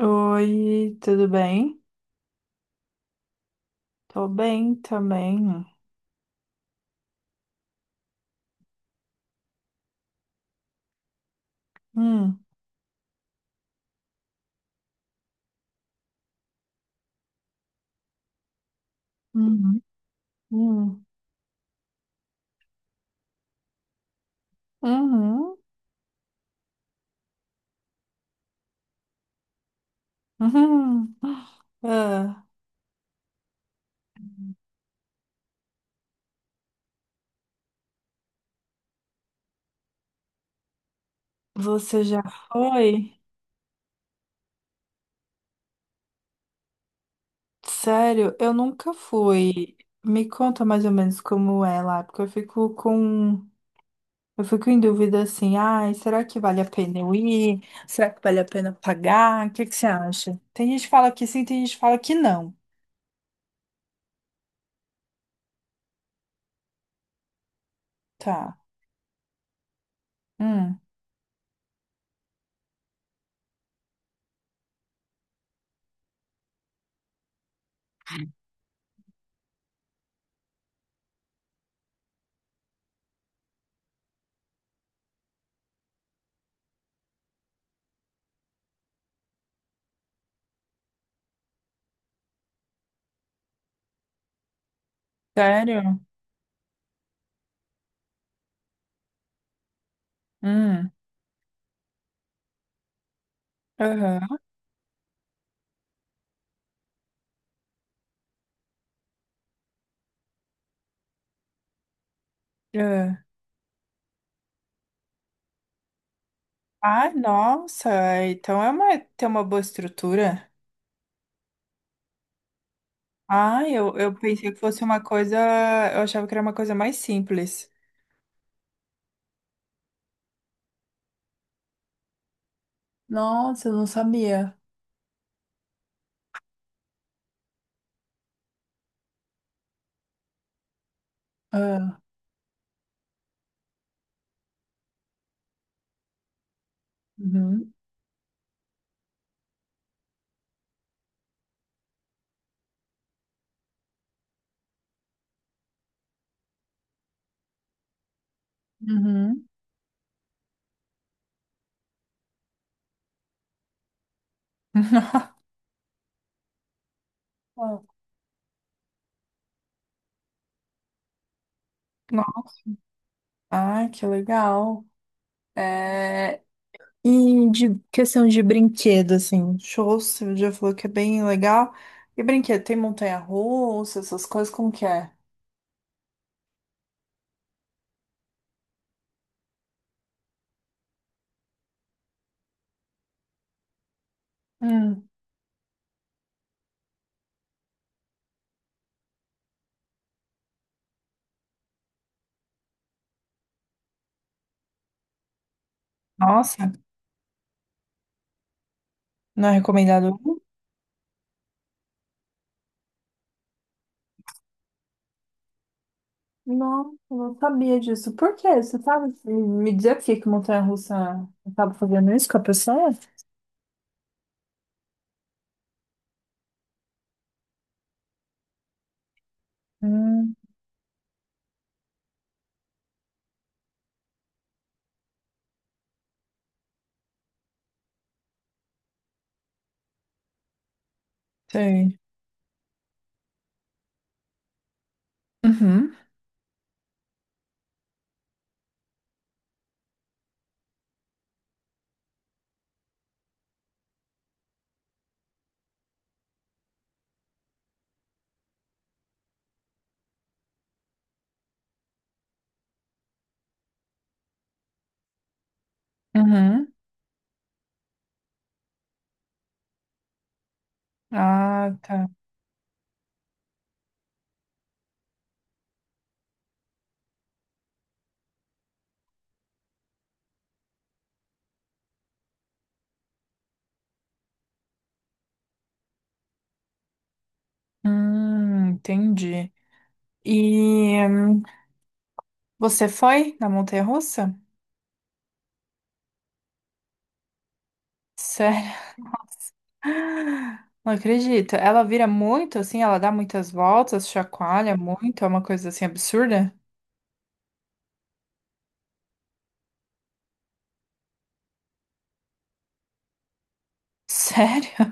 Oi, tudo bem? Tô bem também. Hum, uhum, hum, uhum, uhum. Ah, você já foi? Sério, eu nunca fui. Me conta mais ou menos como é lá, porque eu fico com. Eu fico em dúvida assim, ai, será que vale a pena eu ir? Será que vale a pena pagar? O que que você acha? Tem gente que fala que sim, tem gente que fala que não. Tá. Hum, sério? Hum, aham. É. Ah, nossa, então é uma, tem uma boa estrutura. Ah, eu pensei que fosse uma coisa, eu achava que era uma coisa mais simples. Nossa, eu não sabia. Ah, uhum, uhum. Ah, nossa, ah, que legal. É, e de questão de brinquedo, assim, shows, você já falou que é bem legal. E brinquedo, tem montanha-russa, essas coisas, como que é? Hum. Nossa, não é recomendado? Não, eu não sabia disso. Por quê? Você sabe me dizer por que que montanha-russa acaba fazendo isso com a pessoa? Hum, sei. Uhum, uhum. Ah, tá. Entendi. E você foi na montanha-russa? Sério? Ah, não acredito. Ela vira muito assim, ela dá muitas voltas, chacoalha muito, é uma coisa assim absurda? Sério?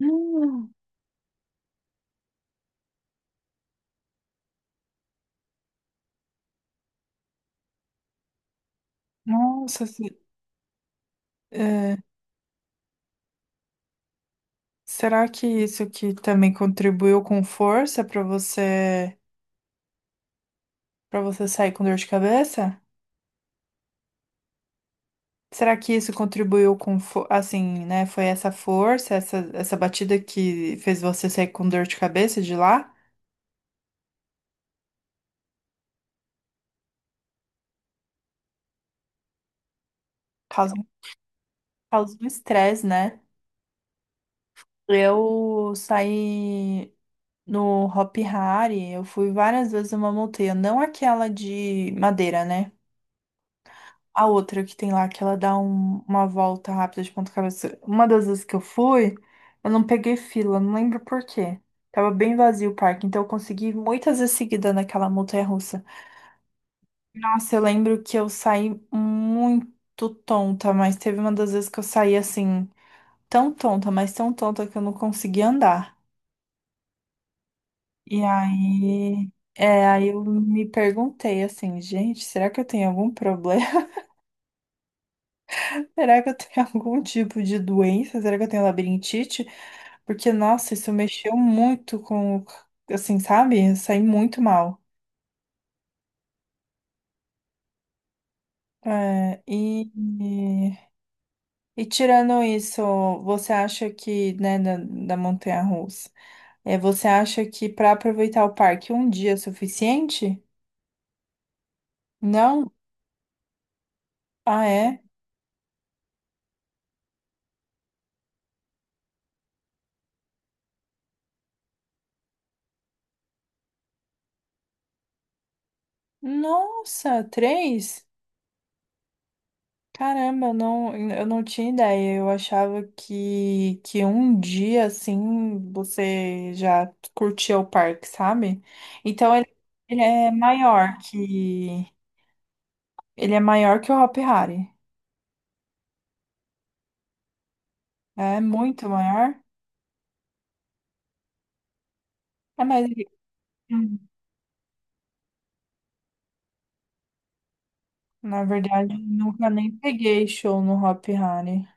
Hum, nossa, se- é, será que isso que também contribuiu com força para você sair com dor de cabeça? Será que isso contribuiu com fo- assim, né? Foi essa força, essa batida que fez você sair com dor de cabeça de lá? Causa, causa um estresse, né? Eu saí no Hopi Hari, eu fui várias vezes numa montanha, não aquela de madeira, né? A outra que tem lá, que ela dá um- uma volta rápida de ponta cabeça. Uma das vezes que eu fui, eu não peguei fila, não lembro por quê. Tava bem vazio o parque, então eu consegui ir muitas vezes seguida naquela montanha-russa. Nossa, eu lembro que eu saí muito tonta, mas teve uma das vezes que eu saí assim, tão tonta, mas tão tonta que eu não consegui andar. E aí, é, aí eu me perguntei assim, gente, será que eu tenho algum problema? Será que eu tenho algum tipo de doença? Será que eu tenho labirintite? Porque, nossa, isso mexeu muito com, assim, sabe? Eu saí muito mal. É, e, e tirando isso, você acha que, né, da, da montanha-russa, é, você acha que para aproveitar o parque um dia é suficiente? Não? Ah, é? Nossa, três? Caramba, eu não tinha ideia. Eu achava que um dia assim você já curtia o parque, sabe? Então ele, ele é maior que ele é maior que o Hopi Hari. É muito maior. É, mas ele- hum, na verdade eu nunca nem peguei show no Hopi Hari.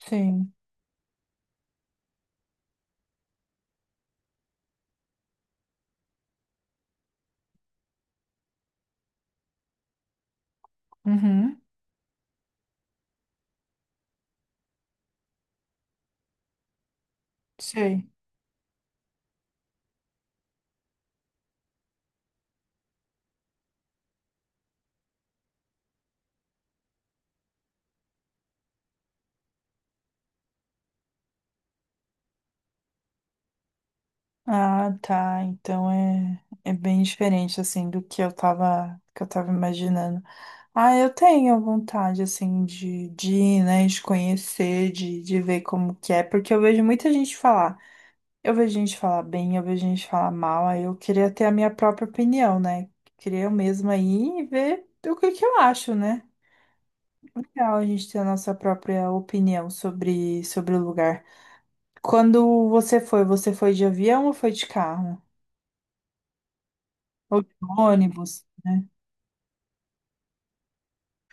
Sim. Uhum. Sei. Ah, tá. Então é, é bem diferente assim do que eu tava imaginando. Ah, eu tenho vontade assim de ir, né, de conhecer, de ver como que é, porque eu vejo muita gente falar. Eu vejo gente falar bem, eu vejo gente falar mal, aí eu queria ter a minha própria opinião, né? Queria eu mesma ir e ver o que que eu acho, né? Legal a gente ter a nossa própria opinião sobre o lugar. Quando você foi de avião ou foi de carro? Ou de ônibus, né?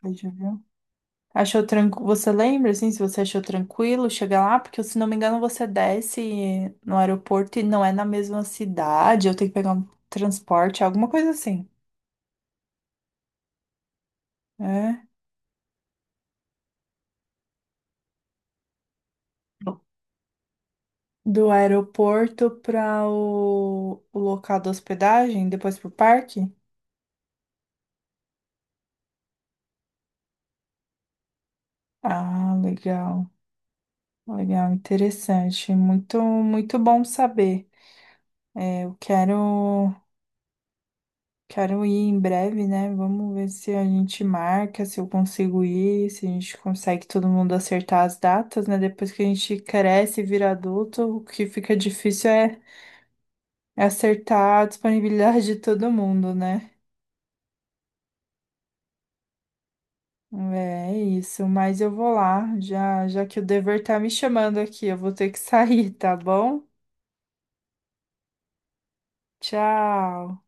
Deixa eu ver. Achou tranquilo? Você lembra, assim, se você achou tranquilo chegar lá? Porque, se não me engano, você desce no aeroporto e não é na mesma cidade. Eu tenho que pegar um transporte, alguma coisa assim. É. Do aeroporto para o local da hospedagem, depois para o parque? Ah, legal. Legal, interessante. Muito, muito bom saber. É, eu quero. Quero ir em breve, né? Vamos ver se a gente marca, se eu consigo ir, se a gente consegue todo mundo acertar as datas, né? Depois que a gente cresce e vira adulto, o que fica difícil é, é acertar a disponibilidade de todo mundo, né? É é isso, mas eu vou lá, já, já que o dever tá me chamando aqui, eu vou ter que sair, tá bom? Tchau!